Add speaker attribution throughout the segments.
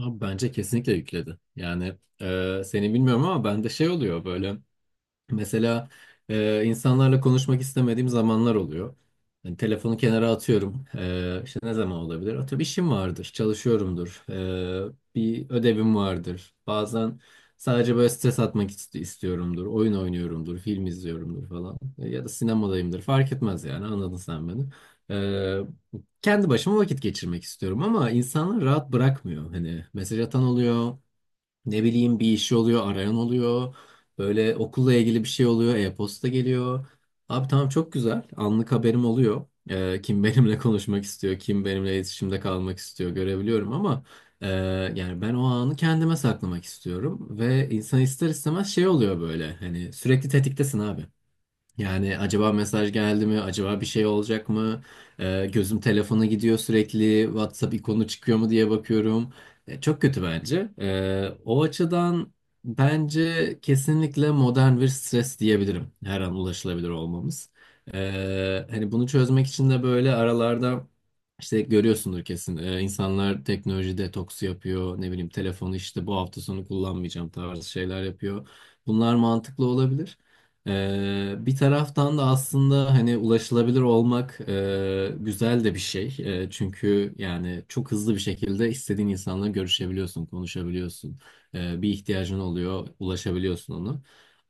Speaker 1: Abi bence kesinlikle yükledi. Yani seni bilmiyorum ama bende şey oluyor böyle. Mesela insanlarla konuşmak istemediğim zamanlar oluyor. Yani telefonu kenara atıyorum. İşte ne zaman olabilir? Atıyorum, işim vardır, çalışıyorumdur. Bir ödevim vardır. Bazen sadece böyle stres istiyorumdur. Oyun oynuyorumdur, film izliyorumdur falan. Ya da sinemadayımdır. Fark etmez, yani anladın sen beni. Kendi başıma vakit geçirmek istiyorum ama insanlar rahat bırakmıyor. Hani mesaj atan oluyor. Ne bileyim, bir işi oluyor, arayan oluyor. Böyle okulla ilgili bir şey oluyor, e-posta geliyor. Abi tamam, çok güzel. Anlık haberim oluyor. Kim benimle konuşmak istiyor, kim benimle iletişimde kalmak istiyor görebiliyorum ama e, yani ben o anı kendime saklamak istiyorum ve insan ister istemez şey oluyor böyle. Hani sürekli tetiktesin abi. Yani acaba mesaj geldi mi? Acaba bir şey olacak mı? Gözüm telefona gidiyor sürekli. WhatsApp ikonu çıkıyor mu diye bakıyorum. Çok kötü bence. O açıdan bence kesinlikle modern bir stres diyebilirim. Her an ulaşılabilir olmamız. Hani bunu çözmek için de böyle aralarda işte görüyorsundur kesin. İnsanlar teknoloji detoksu yapıyor. Ne bileyim, telefonu işte bu hafta sonu kullanmayacağım tarzı şeyler yapıyor. Bunlar mantıklı olabilir. Bir taraftan da aslında hani ulaşılabilir olmak güzel de bir şey. Çünkü yani çok hızlı bir şekilde istediğin insanla görüşebiliyorsun, konuşabiliyorsun. Bir ihtiyacın oluyor, ulaşabiliyorsun ona.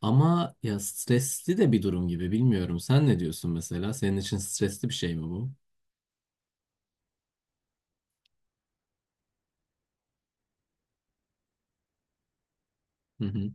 Speaker 1: Ama ya stresli de bir durum gibi, bilmiyorum. Sen ne diyorsun mesela? Senin için stresli bir şey mi bu? Hı hı.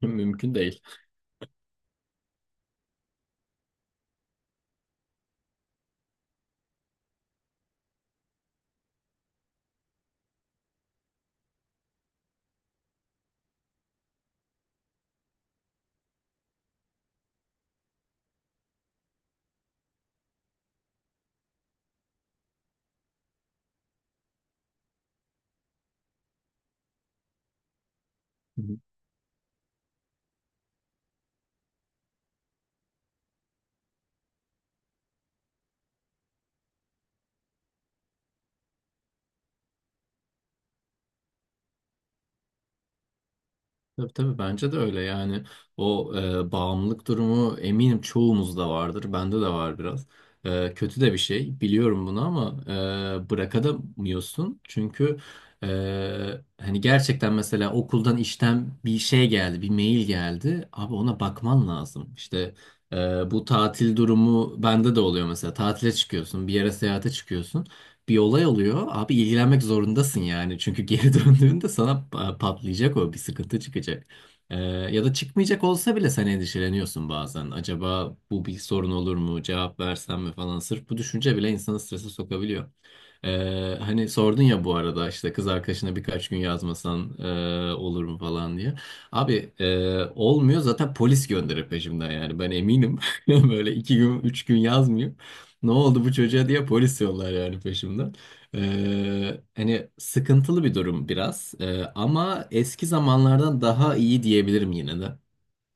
Speaker 1: Mümkün değil. Tabii tabii, bence de öyle. Yani o bağımlılık durumu, eminim çoğumuzda vardır, bende de var biraz. Kötü de bir şey, biliyorum bunu, ama bırakamıyorsun, çünkü e, hani gerçekten mesela okuldan, işten bir şey geldi, bir mail geldi, abi ona bakman lazım işte. Bu tatil durumu bende de oluyor mesela. Tatile çıkıyorsun, bir yere seyahate çıkıyorsun, bir olay oluyor. Abi ilgilenmek zorundasın yani. Çünkü geri döndüğünde sana patlayacak o, bir sıkıntı çıkacak. Ya da çıkmayacak olsa bile sen endişeleniyorsun bazen. Acaba bu bir sorun olur mu? Cevap versem mi falan. Sırf bu düşünce bile insanı strese sokabiliyor. Hani sordun ya bu arada, işte kız arkadaşına birkaç gün yazmasan olur mu falan diye. Abi e, olmuyor zaten, polis gönderir peşimden, yani ben eminim. Böyle iki gün, üç gün yazmıyor. Ne oldu bu çocuğa diye polis yollar yani peşimden. Hani sıkıntılı bir durum biraz. Ama eski zamanlardan daha iyi diyebilirim yine de.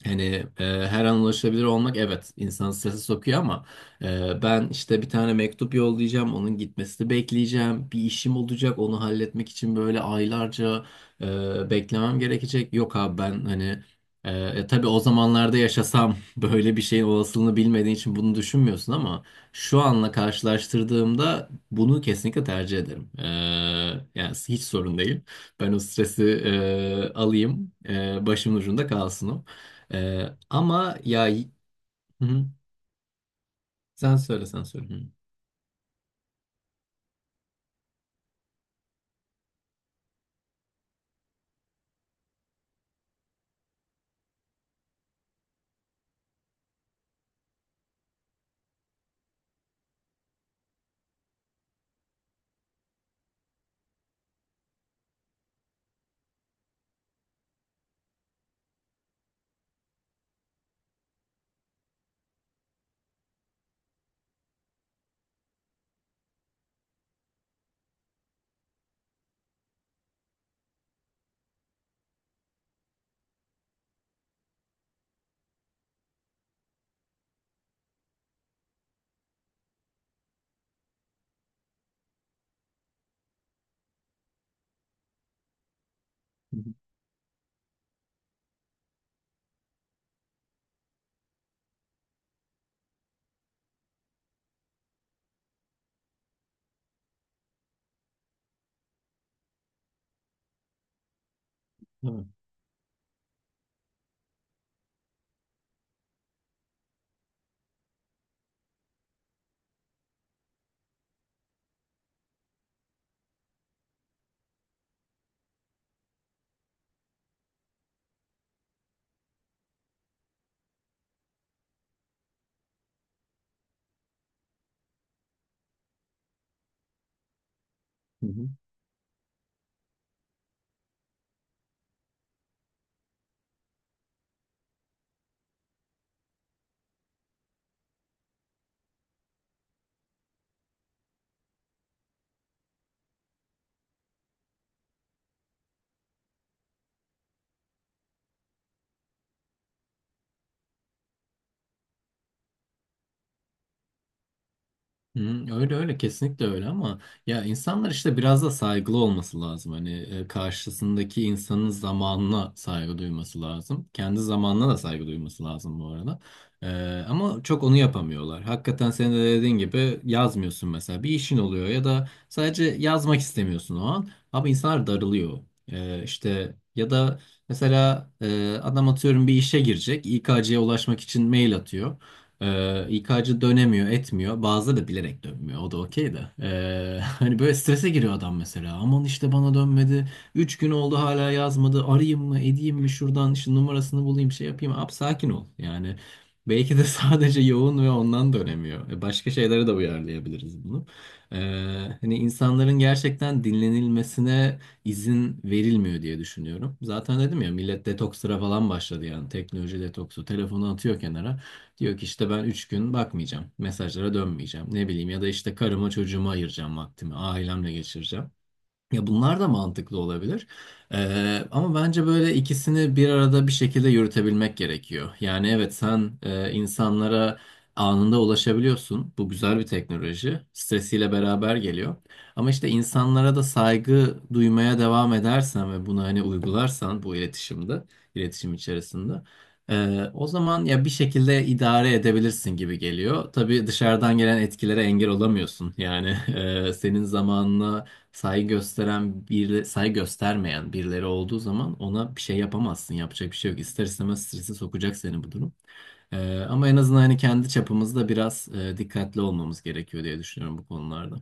Speaker 1: Hani her an ulaşabilir olmak, evet, insanı strese sokuyor ama ben işte bir tane mektup yollayacağım, onun gitmesini bekleyeceğim, bir işim olacak, onu halletmek için böyle aylarca beklemem gerekecek. Yok abi, ben hani tabii o zamanlarda yaşasam böyle bir şeyin olasılığını bilmediğin için bunu düşünmüyorsun ama şu anla karşılaştırdığımda bunu kesinlikle tercih ederim. Yani hiç sorun değil. Ben o stresi alayım, başımın ucunda kalsın o. Ama ya. Hı hı. Sen söyle, sen söyle. Hı hı. Tamam. Hı hı. Hmm, öyle öyle, kesinlikle öyle, ama ya insanlar işte biraz da saygılı olması lazım. Hani karşısındaki insanın zamanına saygı duyması lazım. Kendi zamanına da saygı duyması lazım bu arada. E, Ama çok onu yapamıyorlar. Hakikaten senin de dediğin gibi, yazmıyorsun mesela, bir işin oluyor ya da sadece yazmak istemiyorsun o an. Ama insanlar darılıyor. İşte ya da mesela adam atıyorum bir işe girecek. İK'ya ulaşmak için mail atıyor. İK'cı dönemiyor, etmiyor. Bazıları da bilerek dönmüyor. O da okey de. Hani böyle strese giriyor adam mesela. Aman işte bana dönmedi. Üç gün oldu hala yazmadı. Arayayım mı, edeyim mi, şuradan işte numarasını bulayım, şey yapayım. Abi sakin ol. Yani belki de sadece yoğun ve ondan dönemiyor. E, başka şeylere de uyarlayabiliriz bunu. Ee, Hani insanların gerçekten dinlenilmesine izin verilmiyor diye düşünüyorum. Zaten dedim ya, millet detokslara falan başladı yani. Teknoloji detoksu. Telefonu atıyor kenara. Diyor ki işte, ben 3 gün bakmayacağım, mesajlara dönmeyeceğim. Ne bileyim, ya da işte karıma, çocuğuma ayıracağım vaktimi, ailemle geçireceğim. Ya bunlar da mantıklı olabilir. Ama bence böyle ikisini bir arada bir şekilde yürütebilmek gerekiyor. Yani evet, sen insanlara anında ulaşabiliyorsun. Bu güzel bir teknoloji. Stresiyle beraber geliyor. Ama işte insanlara da saygı duymaya devam edersen ve bunu hani uygularsan bu iletişimde, iletişim içerisinde, o zaman ya bir şekilde idare edebilirsin gibi geliyor. Tabii dışarıdan gelen etkilere engel olamıyorsun. Yani senin zamanına saygı gösteren, bir saygı göstermeyen birileri olduğu zaman ona bir şey yapamazsın. Yapacak bir şey yok. İster istemez strese sokacak seni bu durum. Ama en azından hani kendi çapımızda biraz dikkatli olmamız gerekiyor diye düşünüyorum bu konularda.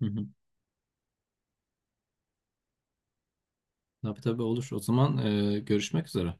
Speaker 1: Hı hı. Tabii tabii, olur. O zaman görüşmek üzere.